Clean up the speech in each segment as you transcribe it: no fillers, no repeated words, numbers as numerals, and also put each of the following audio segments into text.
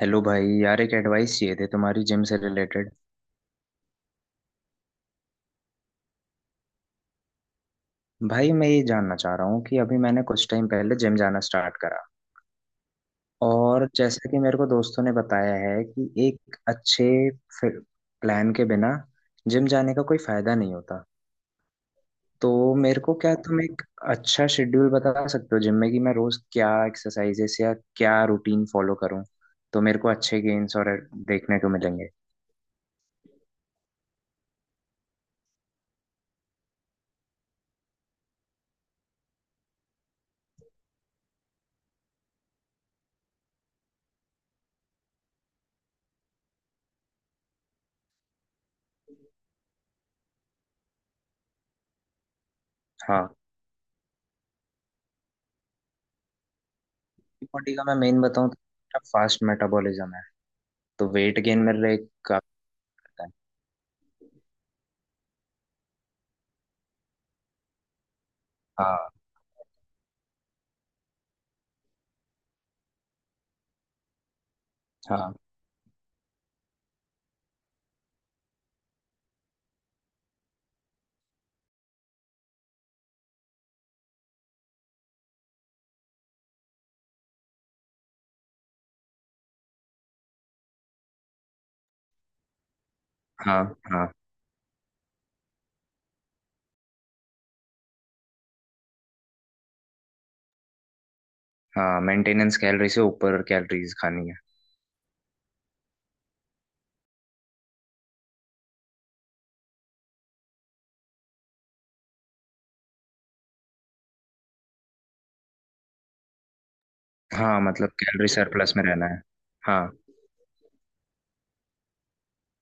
Hello भाई, यार एक एडवाइस चाहिए थी तुम्हारी, जिम से रिलेटेड। भाई मैं ये जानना चाह रहा हूँ कि अभी मैंने कुछ टाइम पहले जिम जाना स्टार्ट करा। और जैसा कि मेरे को दोस्तों ने बताया है कि एक अच्छे प्लान के बिना जिम जाने का कोई फायदा नहीं होता। तो मेरे को क्या तुम एक अच्छा शेड्यूल बता सकते हो जिम में कि मैं रोज क्या एक्सरसाइजेस या क्या रूटीन फॉलो करूँ, तो मेरे को अच्छे गेन्स और देखने को मिलेंगे। हाँ, बॉडी का मैं मेन बताऊँ तो फास्ट मेटाबॉलिज्म है। तो वेट गेन मेरा एक काफी रहता है। हाँ, हाँ, हाँ, हाँ। हाँ, मेंटेनेंस कैलोरी से ऊपर कैलोरीज खानी है। हाँ, मतलब कैलोरी सरप्लस में रहना है। हाँ।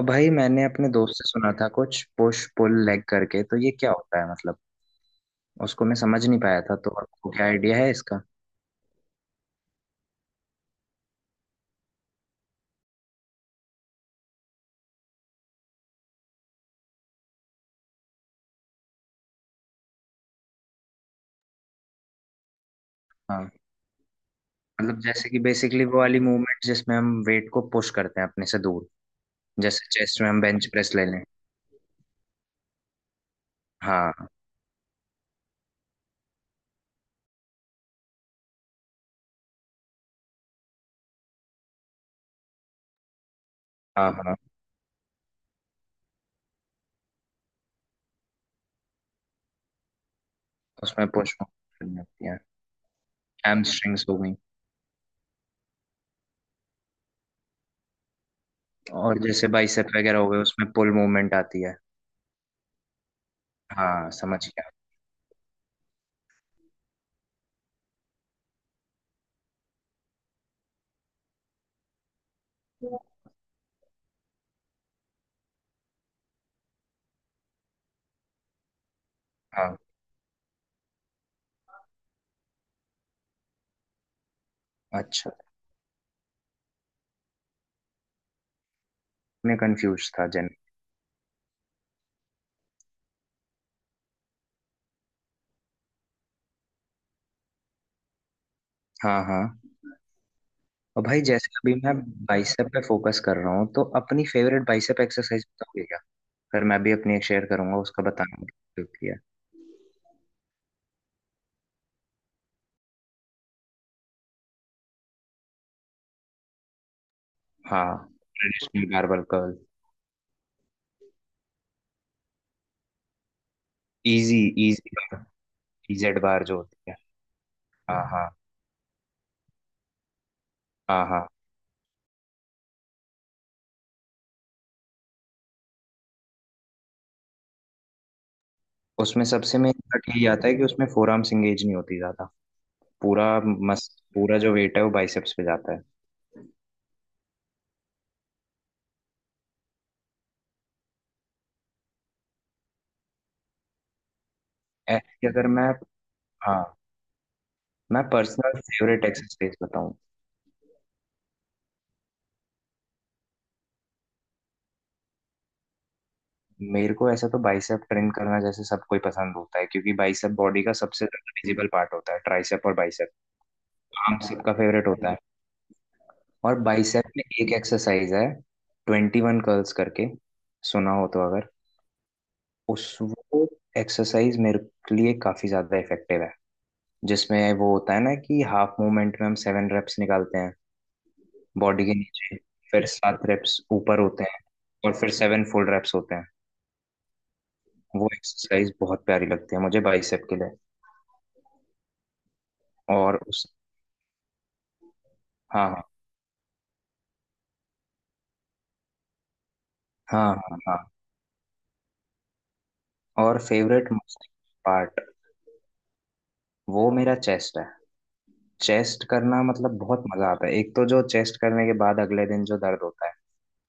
और भाई, मैंने अपने दोस्त से सुना था कुछ पुश पुल लेग करके, तो ये क्या होता है मतलब? उसको मैं समझ नहीं पाया था, तो आपको क्या आइडिया है इसका? हाँ, मतलब जैसे कि बेसिकली वो वाली मूवमेंट जिसमें हम वेट को पुश करते हैं अपने से दूर। जैसे चेस्ट में हम बेंच प्रेस ले लें। हाँ, हाँ, हाँ। उसमें पुश करनी होती है। हैमस्ट्रिंग्स हो गई। और जैसे बाइसेप वगैरह हो गए उसमें पुल मूवमेंट आती है। हाँ, समझ गया। हाँ, अच्छा, मैं कंफ्यूज था जन। हाँ, हाँ। और भाई, जैसे अभी मैं बाइसेप पे फोकस कर रहा हूँ, तो अपनी फेवरेट बाइसेप एक्सरसाइज बताओगे क्या? फिर मैं भी अपनी एक शेयर करूंगा, उसका बताना क्योंकि है। हाँ, traditional barbell curl. Easy, easy bar, EZ bar जो होती है। हाँ, हाँ, हाँ, हाँ। उसमें सबसे मेन कट यही आता है कि उसमें फोर आर्म्स एंगेज नहीं होती ज्यादा। पूरा मस, पूरा जो वेट है वो बाइसेप्स पे जाता है। ऐसे कि अगर मैं हाँ, मैं पर्सनल फेवरेट एक्सरसाइज बताऊं? मेरे को ऐसा तो, बाइसेप ट्रेन करना जैसे सबको ही पसंद होता है, क्योंकि बाइसेप बॉडी का सबसे ज्यादा विजिबल पार्ट होता है, ट्राइसेप और बाइसेप आम सबका फेवरेट होता है। और बाइसेप में एक एक्सरसाइज है 21 कर्ल्स करके, सुना हो तो अगर। उस वो एक्सरसाइज मेरे लिए काफी ज्यादा इफेक्टिव है, जिसमें वो होता है ना कि हाफ मूवमेंट में हम 7 रेप्स निकालते हैं बॉडी के नीचे, फिर 7 रेप्स ऊपर होते हैं, और फिर 7 फुल रेप्स होते हैं। वो एक्सरसाइज बहुत प्यारी लगती है मुझे बाइसेप के लिए। और उस हाँ, हाँ, हाँ, हाँ, हाँ। और फेवरेट मसल पार्ट, वो मेरा चेस्ट है। चेस्ट करना मतलब बहुत मजा आता है, एक तो जो चेस्ट करने के बाद अगले दिन जो दर्द होता है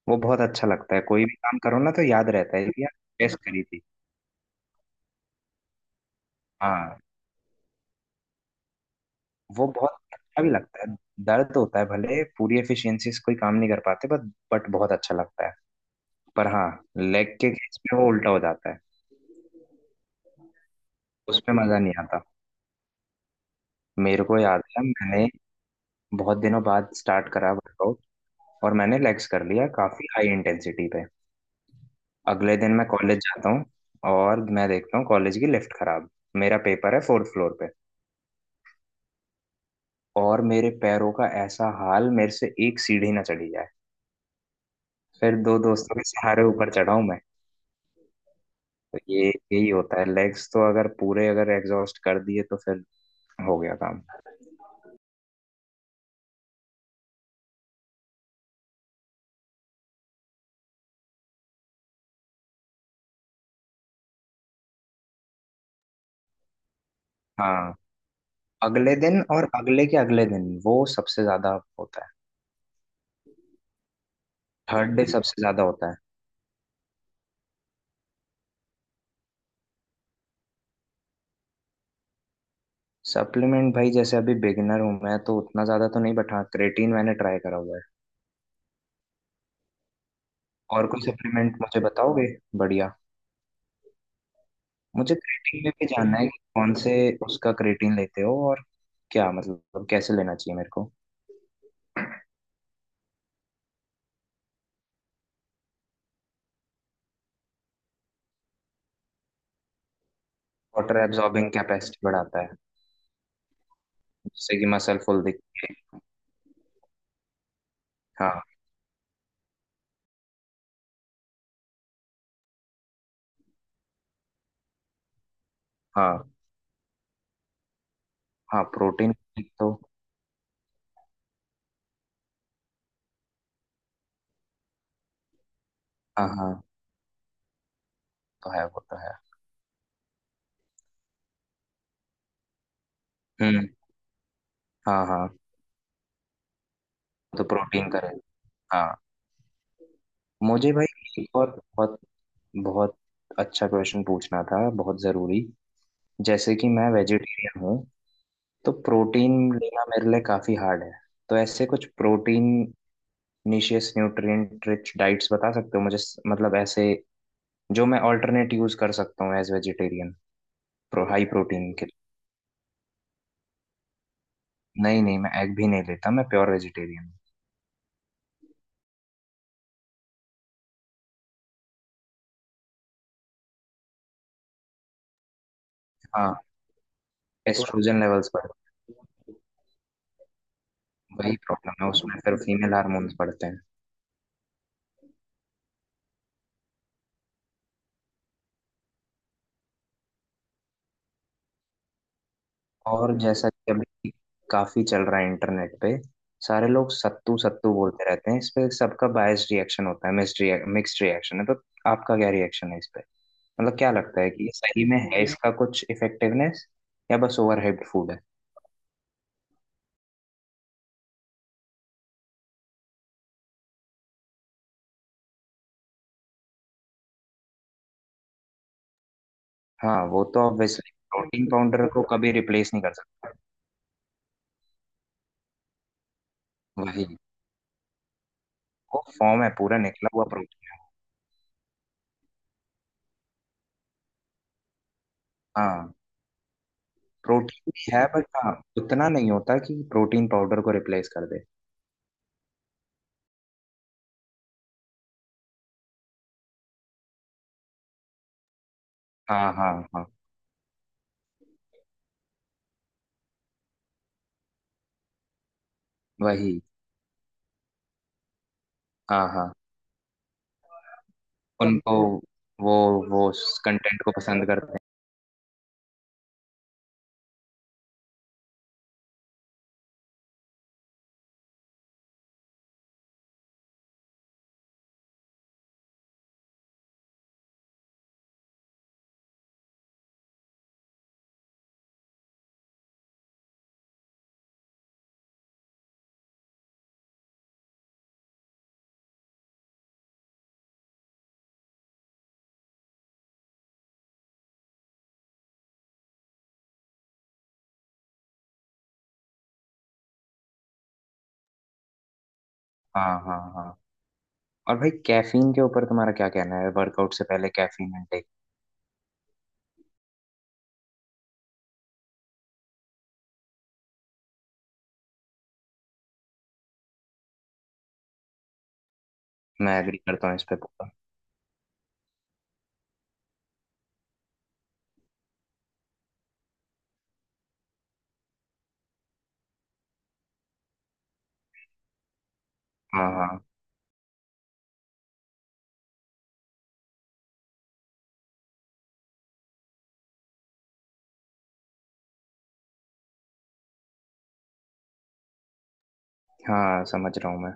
वो बहुत अच्छा लगता है। कोई भी काम करो ना तो याद रहता है कि यार, चेस्ट करी थी। हाँ, वो बहुत अच्छा भी लगता है। दर्द होता है, भले पूरी एफिशिएंसी से कोई काम नहीं कर पाते, बट बहुत अच्छा लगता है। पर हाँ, लेग के केस में वो उल्टा हो जाता है। उसमें मजा नहीं आता। मेरे को याद है, मैंने बहुत दिनों बाद स्टार्ट करा वर्कआउट, और मैंने लेग्स कर लिया काफी हाई इंटेंसिटी पे। अगले दिन मैं कॉलेज जाता हूँ, और मैं देखता हूँ कॉलेज की लिफ्ट खराब, मेरा पेपर है फोर्थ फ्लोर पे, और मेरे पैरों का ऐसा हाल, मेरे से एक सीढ़ी ना चढ़ी जाए। फिर दो दोस्तों के सहारे ऊपर चढ़ा हूं मैं। तो ये यही होता है, लेग्स तो अगर पूरे अगर एग्जॉस्ट कर दिए तो फिर हो गया काम। हाँ, अगले दिन और अगले के अगले दिन वो सबसे ज्यादा होता है। थर्ड डे सबसे ज्यादा होता है। सप्लीमेंट भाई, जैसे अभी बिगिनर हूं मैं तो उतना ज्यादा तो नहीं, बट हाँ क्रेटीन मैंने ट्राई करा हुआ है। और कोई सप्लीमेंट मुझे बताओगे? बढ़िया। मुझे क्रेटीन में भी जानना है कि कौन से, उसका क्रेटीन लेते हो, और क्या मतलब कैसे लेना चाहिए मेरे को? वाटर एब्जॉर्बिंग कैपेसिटी बढ़ाता है, जिससे कि मसल फुल दिखे। हाँ, हाँ, हाँ, प्रोटीन। तो हाँ, हाँ, तो है, वो तो है। हम्म। हाँ, हाँ, तो प्रोटीन करे। हाँ। मुझे भाई एक और बहुत बहुत अच्छा क्वेश्चन पूछना था, बहुत जरूरी। जैसे कि मैं वेजिटेरियन हूँ, तो प्रोटीन लेना मेरे लिए काफ़ी हार्ड है। तो ऐसे कुछ प्रोटीन निशियस न्यूट्रिएंट रिच डाइट्स बता सकते हो मुझे, मतलब ऐसे जो मैं ऑल्टरनेट यूज़ कर सकता हूँ एज वेजिटेरियन? हाई प्रोटीन के लिए? नहीं नहीं, मैं एग भी नहीं लेता, मैं प्योर वेजिटेरियन हूँ। हाँ, तो एस्ट्रोजन लेवल्स बढ़, वही प्रॉब्लम है उसमें, फिर फीमेल हार्मोन्स बढ़ते हैं। और जैसा कि अभी काफी चल रहा है इंटरनेट पे, सारे लोग सत्तू सत्तू बोलते रहते हैं, इस पे सबका बायस रिएक्शन होता है मिक्स्ड। मिक्स्ड रिएक्शन है, तो आपका क्या रिएक्शन है इस पे? मतलब क्या लगता है कि ये सही में है, इसका कुछ इफेक्टिवनेस, या बस ओवरहाइप्ड फूड है? हाँ, वो तो ऑब्वियसली प्रोटीन पाउडर को कभी रिप्लेस नहीं कर सकता। वही, वो फॉर्म है पूरा निकला हुआ प्रोटीन। हाँ, प्रोटीन भी है, बट हाँ उतना नहीं होता कि प्रोटीन पाउडर को रिप्लेस कर दे। हाँ, हाँ, हाँ। वही। हाँ, हाँ। उनको कंटेंट, वो कंटेंट को पसंद करते हैं। हाँ, हाँ, हाँ। और भाई, कैफीन के ऊपर तुम्हारा क्या कहना है, वर्कआउट से पहले कैफीन इनटेक? मैं एग्री करता हूँ इस पे पूरा। हाँ, हाँ। हाँ, समझ रहा हूँ मैं।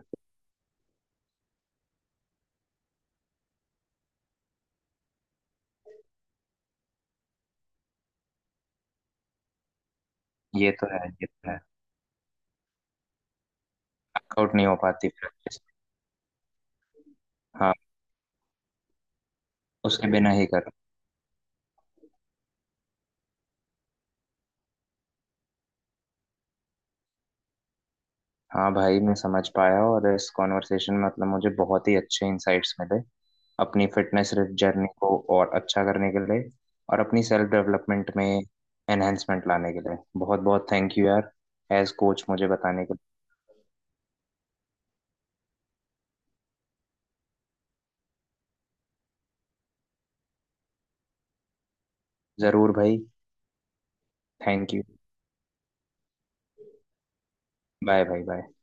ये तो है, ये तो है। वर्कआउट नहीं हो पाती प्रैक्टिस। हाँ, उसके बिना ही करो। हाँ भाई, मैं समझ पाया, और इस कॉन्वर्सेशन में मतलब मुझे बहुत ही अच्छे इंसाइट्स मिले अपनी फिटनेस जर्नी को और अच्छा करने के लिए, और अपनी सेल्फ डेवलपमेंट में एनहेंसमेंट लाने के लिए। बहुत बहुत थैंक यू यार, एज कोच मुझे बताने के लिए। ज़रूर भाई। Thank you, bye bye bye.